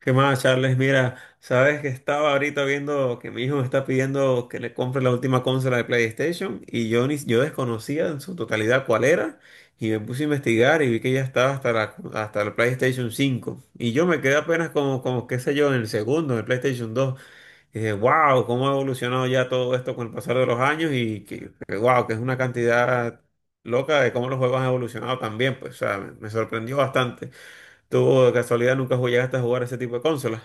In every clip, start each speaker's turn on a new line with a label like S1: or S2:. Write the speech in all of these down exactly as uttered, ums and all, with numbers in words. S1: ¿Qué más, Charles? Mira, sabes que estaba ahorita viendo que mi hijo me está pidiendo que le compre la última consola de PlayStation y yo, ni, yo desconocía en su totalidad cuál era. Y me puse a investigar y vi que ya estaba hasta la, hasta la PlayStation cinco. Y yo me quedé apenas como, como, qué sé yo, en el segundo, en el PlayStation dos. Y dije, wow, cómo ha evolucionado ya todo esto con el pasar de los años y que, que wow, que es una cantidad loca de cómo los juegos han evolucionado también, pues, o sea, me, me sorprendió bastante. ¿Tú de casualidad nunca llegaste a jugar ese tipo de consolas?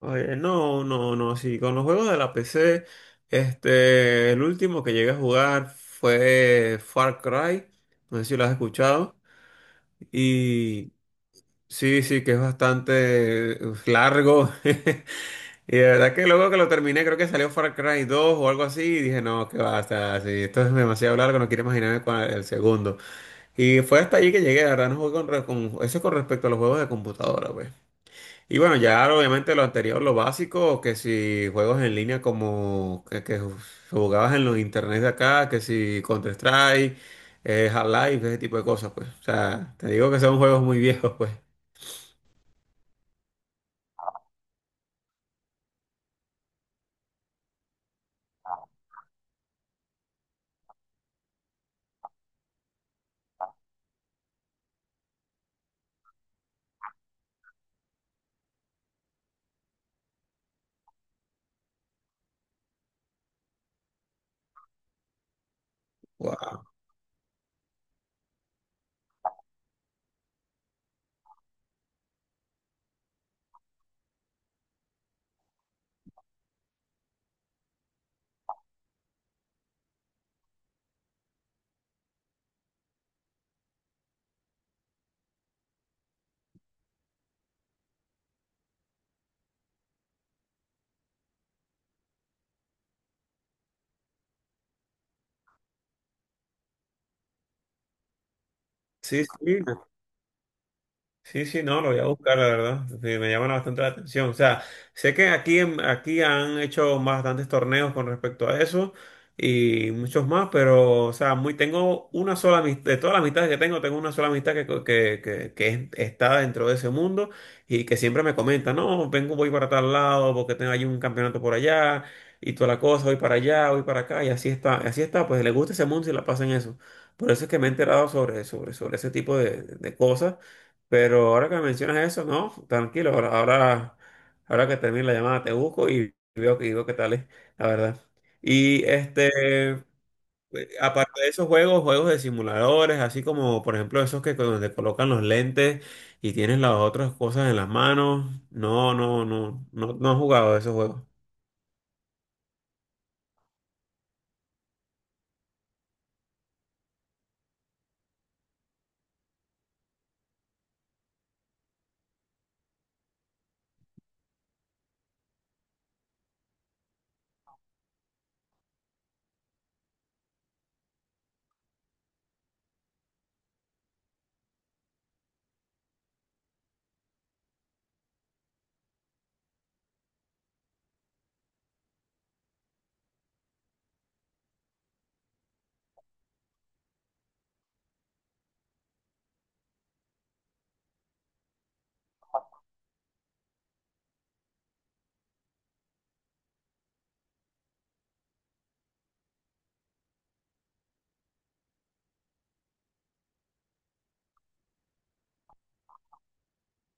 S1: Oye, no, no, no, sí, con los juegos de la P C, este, el último que llegué a jugar fue Far Cry, no sé si lo has escuchado. Y sí, sí, que es bastante largo, y de verdad que luego que lo terminé, creo que salió Far Cry dos o algo así, y dije, no, que basta, sí, esto es demasiado largo, no quiero imaginarme cuál es el segundo. Y fue hasta allí que llegué, la verdad, no jugué con, re- con- eso es con respecto a los juegos de computadora, pues. Y bueno, ya obviamente lo anterior, lo básico, que si juegos en línea como que, que jugabas en los internet de acá, que si Counter-Strike, eh, Half-Life, ese tipo de cosas, pues. O sea, te digo que son juegos muy viejos, pues. Wow. Sí, sí. Sí, sí, no, lo voy a buscar, la verdad. Sí, me llaman bastante la atención. O sea, sé que aquí, en- aquí han hecho bastantes torneos con respecto a eso y muchos más, pero, o sea, muy, tengo una sola amistad, de todas las amistades que tengo, tengo una sola amistad que, co- que, que, que es- está dentro de ese mundo, y que siempre me comenta, no, vengo, voy para tal lado porque tengo allí un campeonato por allá y toda la cosa, voy para allá, voy para acá y así está, así está, pues le gusta ese mundo y la pasa en eso. Por eso es que me he enterado sobre, sobre, sobre ese tipo de de cosas. Pero ahora que me mencionas eso, no, tranquilo, ahora, ahora, ahora que termine la llamada te busco y veo que digo qué tal es, la verdad. Y este, eh, aparte de esos juegos, juegos de simuladores, así como por ejemplo esos que donde colocan los lentes y tienes las otras cosas en las manos, no, no, no, no, no he jugado esos juegos.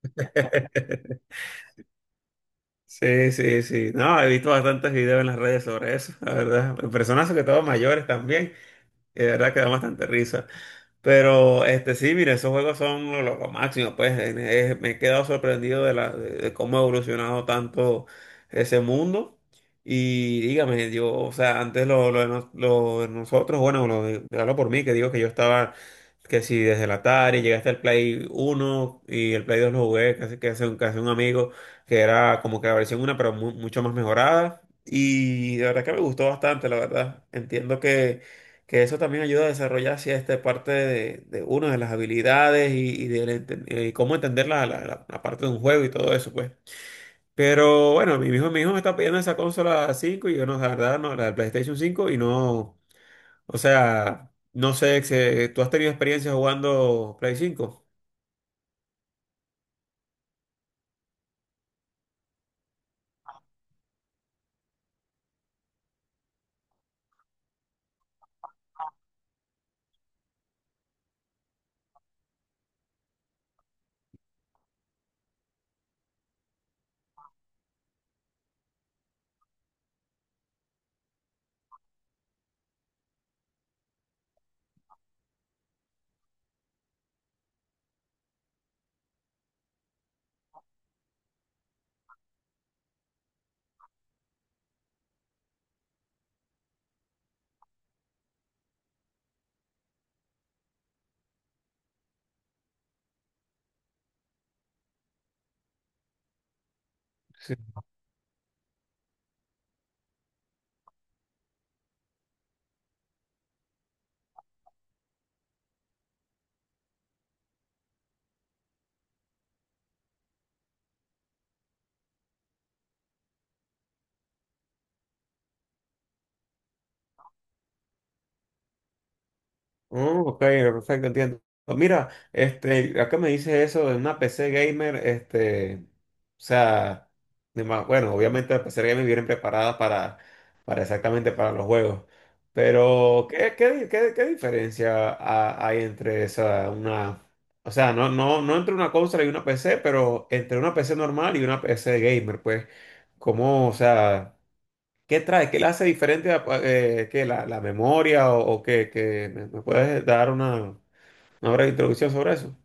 S1: Sí, sí, sí. No, he visto bastantes videos en las redes sobre eso, la verdad. Personas sobre todo mayores también, y de verdad que da bastante risa. Pero este sí, mire, esos juegos son lo, lo- lo máximo, pues en- eh, me he quedado sorprendido de, la, de, de cómo ha evolucionado tanto ese mundo. Y dígame, yo, o sea, antes lo, lo de, nos- lo de nosotros, bueno, lo de, hablo por mí, que digo que yo estaba, que si desde el Atari llegué hasta el Play uno y el Play dos lo jugué, casi que hace un, casi un amigo, que era como que la versión una pero mu- mucho más mejorada. Y la verdad que me gustó bastante, la verdad. Entiendo que que eso también ayuda a desarrollar esta parte de, de una de las habilidades y, y del enten- eh, cómo entender la, la- la- la parte de un juego y todo eso, pues. Pero bueno, mi hijo, mi hijo me está pidiendo esa consola cinco y yo no, la verdad, no, la del PlayStation cinco y no, o sea, no sé, se- ¿tú has tenido experiencia jugando Play cinco? Oh, ok, perfecto, entiendo. Mira, este, acá me dice eso de una P C gamer, este, o sea, de ma- bueno, obviamente las P C gamer vienen preparadas para, para exactamente para los juegos. Pero ¿qué, qué, di- qué- qué diferencia ha- hay entre esa, una, o sea, no, no, no entre una consola y una P C, pero entre una P C normal y una P C gamer, pues? ¿Cómo, o sea? ¿Qué trae? ¿Qué la hace diferente a, eh, qué, la, la memoria o, o qué? qué? ¿Me, me puedes dar una, una breve introducción sobre eso?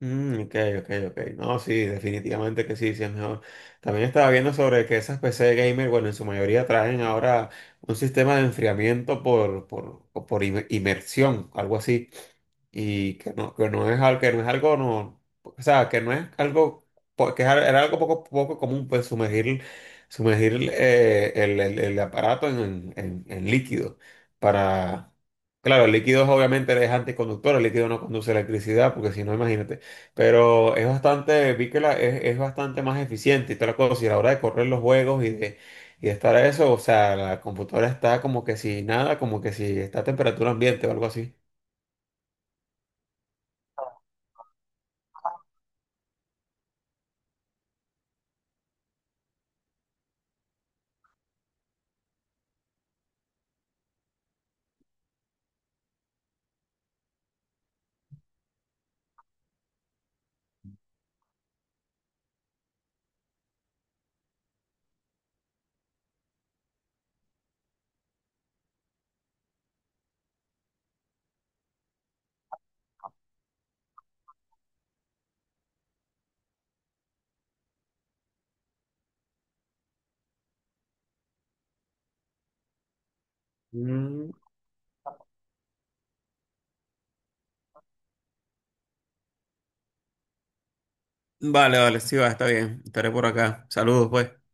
S1: Mm, ok, ok, ok. No, sí, definitivamente que sí, sí es mejor. También estaba viendo sobre que esas P C gamer, bueno, en su mayoría traen ahora un sistema de enfriamiento por, por, por im- inmersión, algo así. Y que no, que no es, al- que no es algo, no, o sea, que no es algo, po- que es al- era algo poco, poco común, pues sumergir, sumergir eh, el, el- el aparato en, en- en líquido para. Claro, el líquido es obviamente es anticonductor, el líquido no conduce electricidad, porque si no, imagínate. Pero es bastante, vi que la- es, es bastante más eficiente y toda la cosa. Y a la hora de correr los juegos y de, y de estar a eso, o sea, la computadora está como que si nada, como que si está a temperatura ambiente o algo así. Vale, vale, sí va, está bien. Estaré por acá. Saludos, pues.